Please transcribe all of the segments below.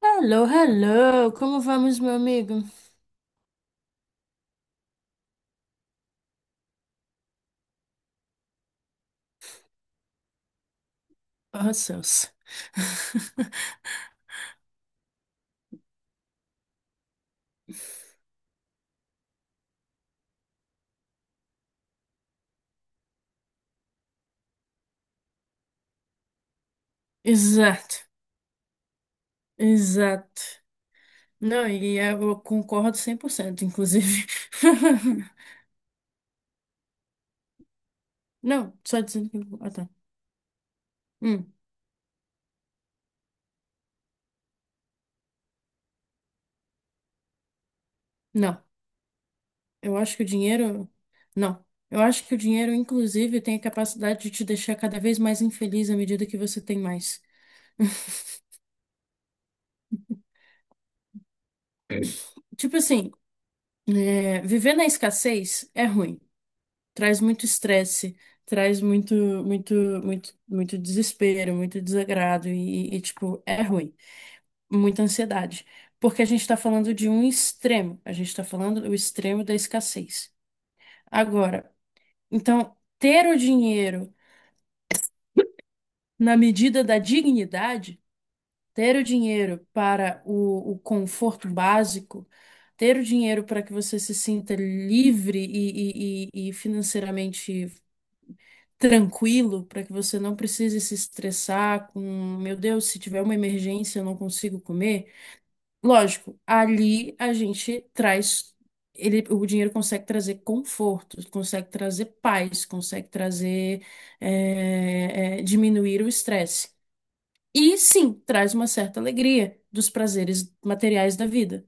Hello, hello! Como vamos, meu amigo? Oh, céus. Exato, exato. Não, e eu concordo 100%, inclusive. Não, só dizendo que. Ah, tá. Hum, não, eu acho que o dinheiro. Não, eu acho que o dinheiro, inclusive, tem a capacidade de te deixar cada vez mais infeliz à medida que você tem mais. Tipo assim, viver na escassez é ruim. Traz muito estresse, traz muito, muito, muito, muito desespero, muito desagrado e, tipo, é ruim, muita ansiedade. Porque a gente está falando de um extremo, a gente está falando do extremo da escassez. Agora, então, ter o dinheiro na medida da dignidade, ter o dinheiro para o conforto básico, ter o dinheiro para que você se sinta livre e financeiramente tranquilo para que você não precise se estressar com, meu Deus, se tiver uma emergência, eu não consigo comer. Lógico, ali a gente traz ele, o dinheiro consegue trazer conforto, consegue trazer paz, consegue trazer diminuir o estresse. E sim, traz uma certa alegria dos prazeres materiais da vida.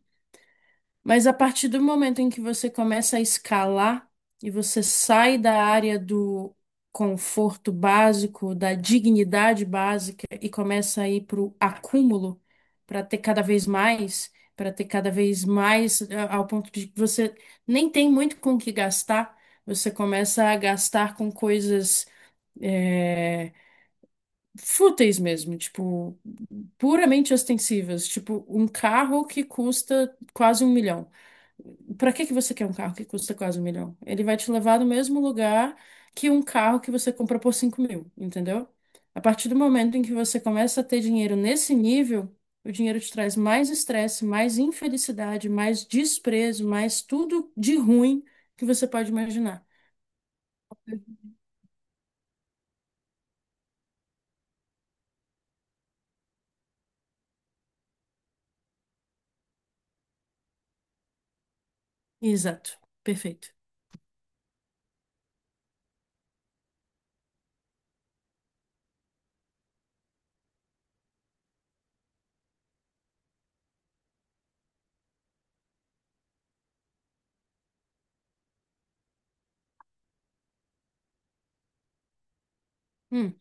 Mas a partir do momento em que você começa a escalar e você sai da área do conforto básico, da dignidade básica e começa a ir para o acúmulo, para ter cada vez mais, para ter cada vez mais, ao ponto de que você nem tem muito com o que gastar, você começa a gastar com coisas. eh, fúteis mesmo, tipo, puramente ostensivas, tipo um carro que custa quase 1 milhão. Para que que você quer um carro que custa quase um milhão? Ele vai te levar no mesmo lugar que um carro que você compra por 5 mil, entendeu? A partir do momento em que você começa a ter dinheiro nesse nível, o dinheiro te traz mais estresse, mais infelicidade, mais desprezo, mais tudo de ruim que você pode imaginar. Exato. Perfeito. Hum,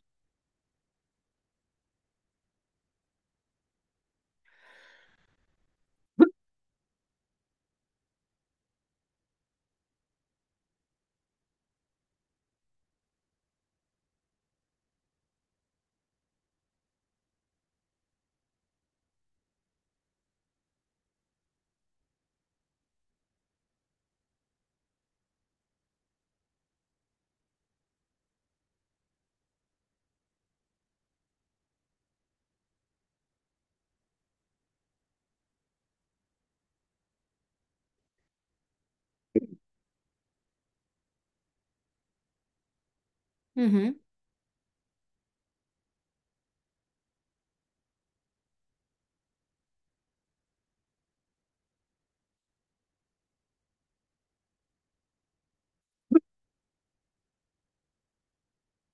uhum,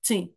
sim.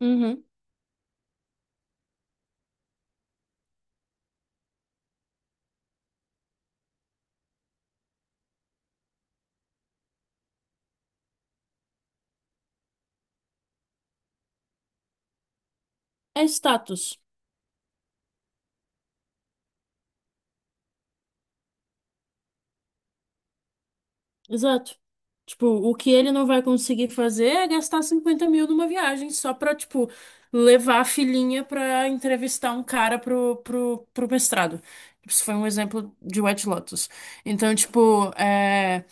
Uhum. É status. Exato. Tipo, o que ele não vai conseguir fazer é gastar 50 mil numa viagem só pra, tipo, levar a filhinha pra entrevistar um cara pro mestrado. Tipo, isso foi um exemplo de White Lotus. Então, tipo, é.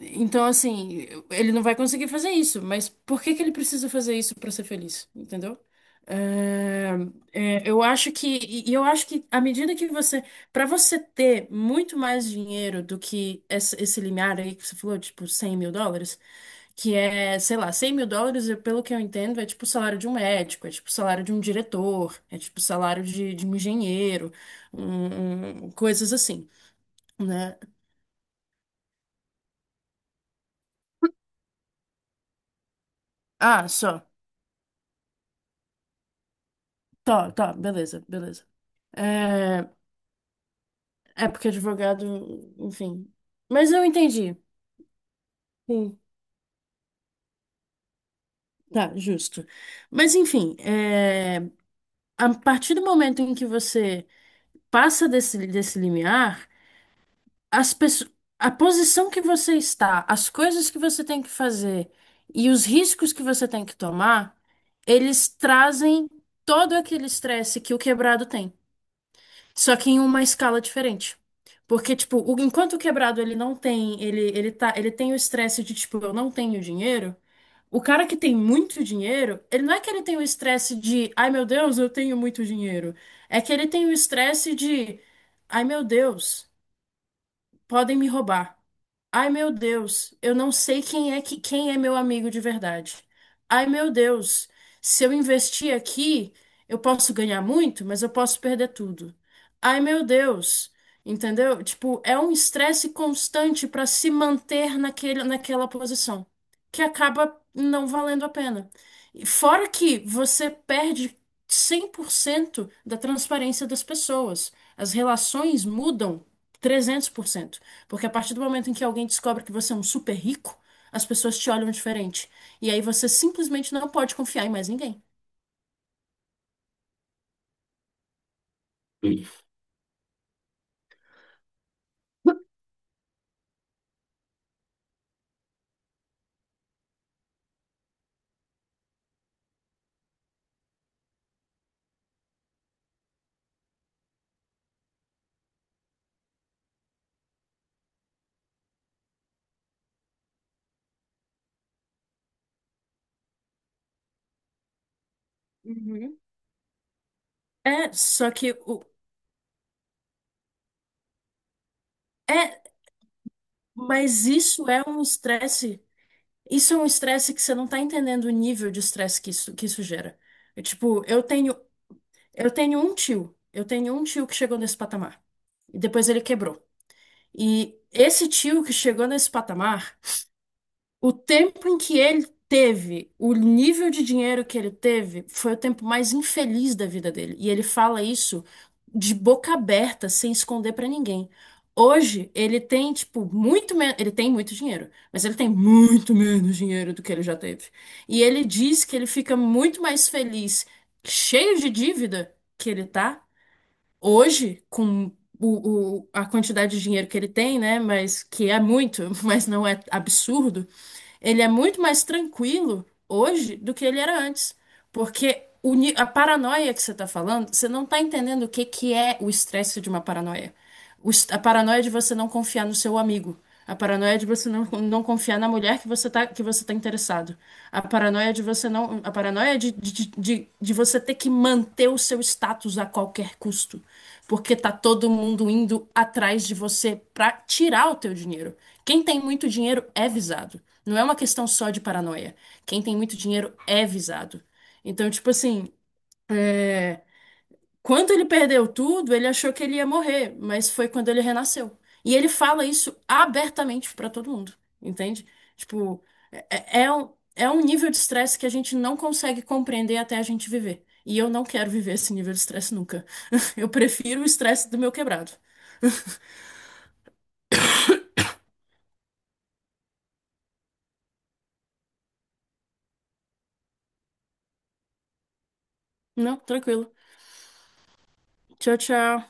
Então, assim, ele não vai conseguir fazer isso, mas por que que ele precisa fazer isso pra ser feliz? Entendeu? É, eu acho que, e eu acho que à medida que você, pra você ter muito mais dinheiro do que esse limiar aí que você falou, tipo 100 mil dólares, que é, sei lá, 100 mil dólares, pelo que eu entendo, é tipo o salário de um médico, é tipo o salário de um diretor, é tipo o salário de um engenheiro, coisas assim, né? Ah, só. Tá, tá, beleza, beleza. É, é porque advogado, enfim. Mas eu entendi. Sim. Tá, justo. Mas enfim, a partir do momento em que você passa desse limiar, as pessoas, a posição que você está, as coisas que você tem que fazer e os riscos que você tem que tomar, eles trazem todo aquele estresse que o quebrado tem. Só que em uma escala diferente. Porque, tipo, enquanto o quebrado ele não tem, ele tá, ele tem o estresse de, tipo, eu não tenho dinheiro, o cara que tem muito dinheiro, ele não é que ele tem o estresse de, ai meu Deus, eu tenho muito dinheiro. É que ele tem o estresse de, ai meu Deus podem me roubar. Ai, meu Deus, eu não sei quem é que quem é meu amigo de verdade. Ai, meu Deus, se eu investir aqui, eu posso ganhar muito, mas eu posso perder tudo. Ai, meu Deus, entendeu? Tipo, é um estresse constante para se manter naquele, naquela posição, que acaba não valendo a pena. E fora que você perde 100% da transparência das pessoas. As relações mudam 300%. Porque a partir do momento em que alguém descobre que você é um super rico, as pessoas te olham diferente. E aí você simplesmente não pode confiar em mais ninguém. Uhum. Só que o é, mas isso é um estresse. Isso é um estresse que você não tá entendendo o nível de estresse que isso gera. É, tipo, eu tenho um tio, eu tenho um tio que chegou nesse patamar e depois ele quebrou. E esse tio que chegou nesse patamar, o tempo em que ele teve, o nível de dinheiro que ele teve, foi o tempo mais infeliz da vida dele. E ele fala isso de boca aberta, sem esconder pra ninguém. Hoje ele tem, tipo, muito menos. Ele tem muito dinheiro, mas ele tem muito menos dinheiro do que ele já teve. E ele diz que ele fica muito mais feliz, cheio de dívida que ele tá, hoje, com a quantidade de dinheiro que ele tem, né? Mas que é muito, mas não é absurdo, ele é muito mais tranquilo hoje do que ele era antes. Porque a paranoia que você está falando, você não está entendendo o que, que é o estresse de uma paranoia. A paranoia de você não confiar no seu amigo. A paranoia de você não, não confiar na mulher que você tá interessado. A paranoia de você não, a paranoia de você ter que manter o seu status a qualquer custo porque tá todo mundo indo atrás de você pra tirar o teu dinheiro. Quem tem muito dinheiro é visado. Não é uma questão só de paranoia. Quem tem muito dinheiro é visado. Então, tipo assim, quando ele perdeu tudo, ele achou que ele ia morrer, mas foi quando ele renasceu. E ele fala isso abertamente pra todo mundo, entende? Tipo, é um nível de estresse que a gente não consegue compreender até a gente viver. E eu não quero viver esse nível de estresse nunca. Eu prefiro o estresse do meu quebrado. Não, tranquilo. Tchau, tchau.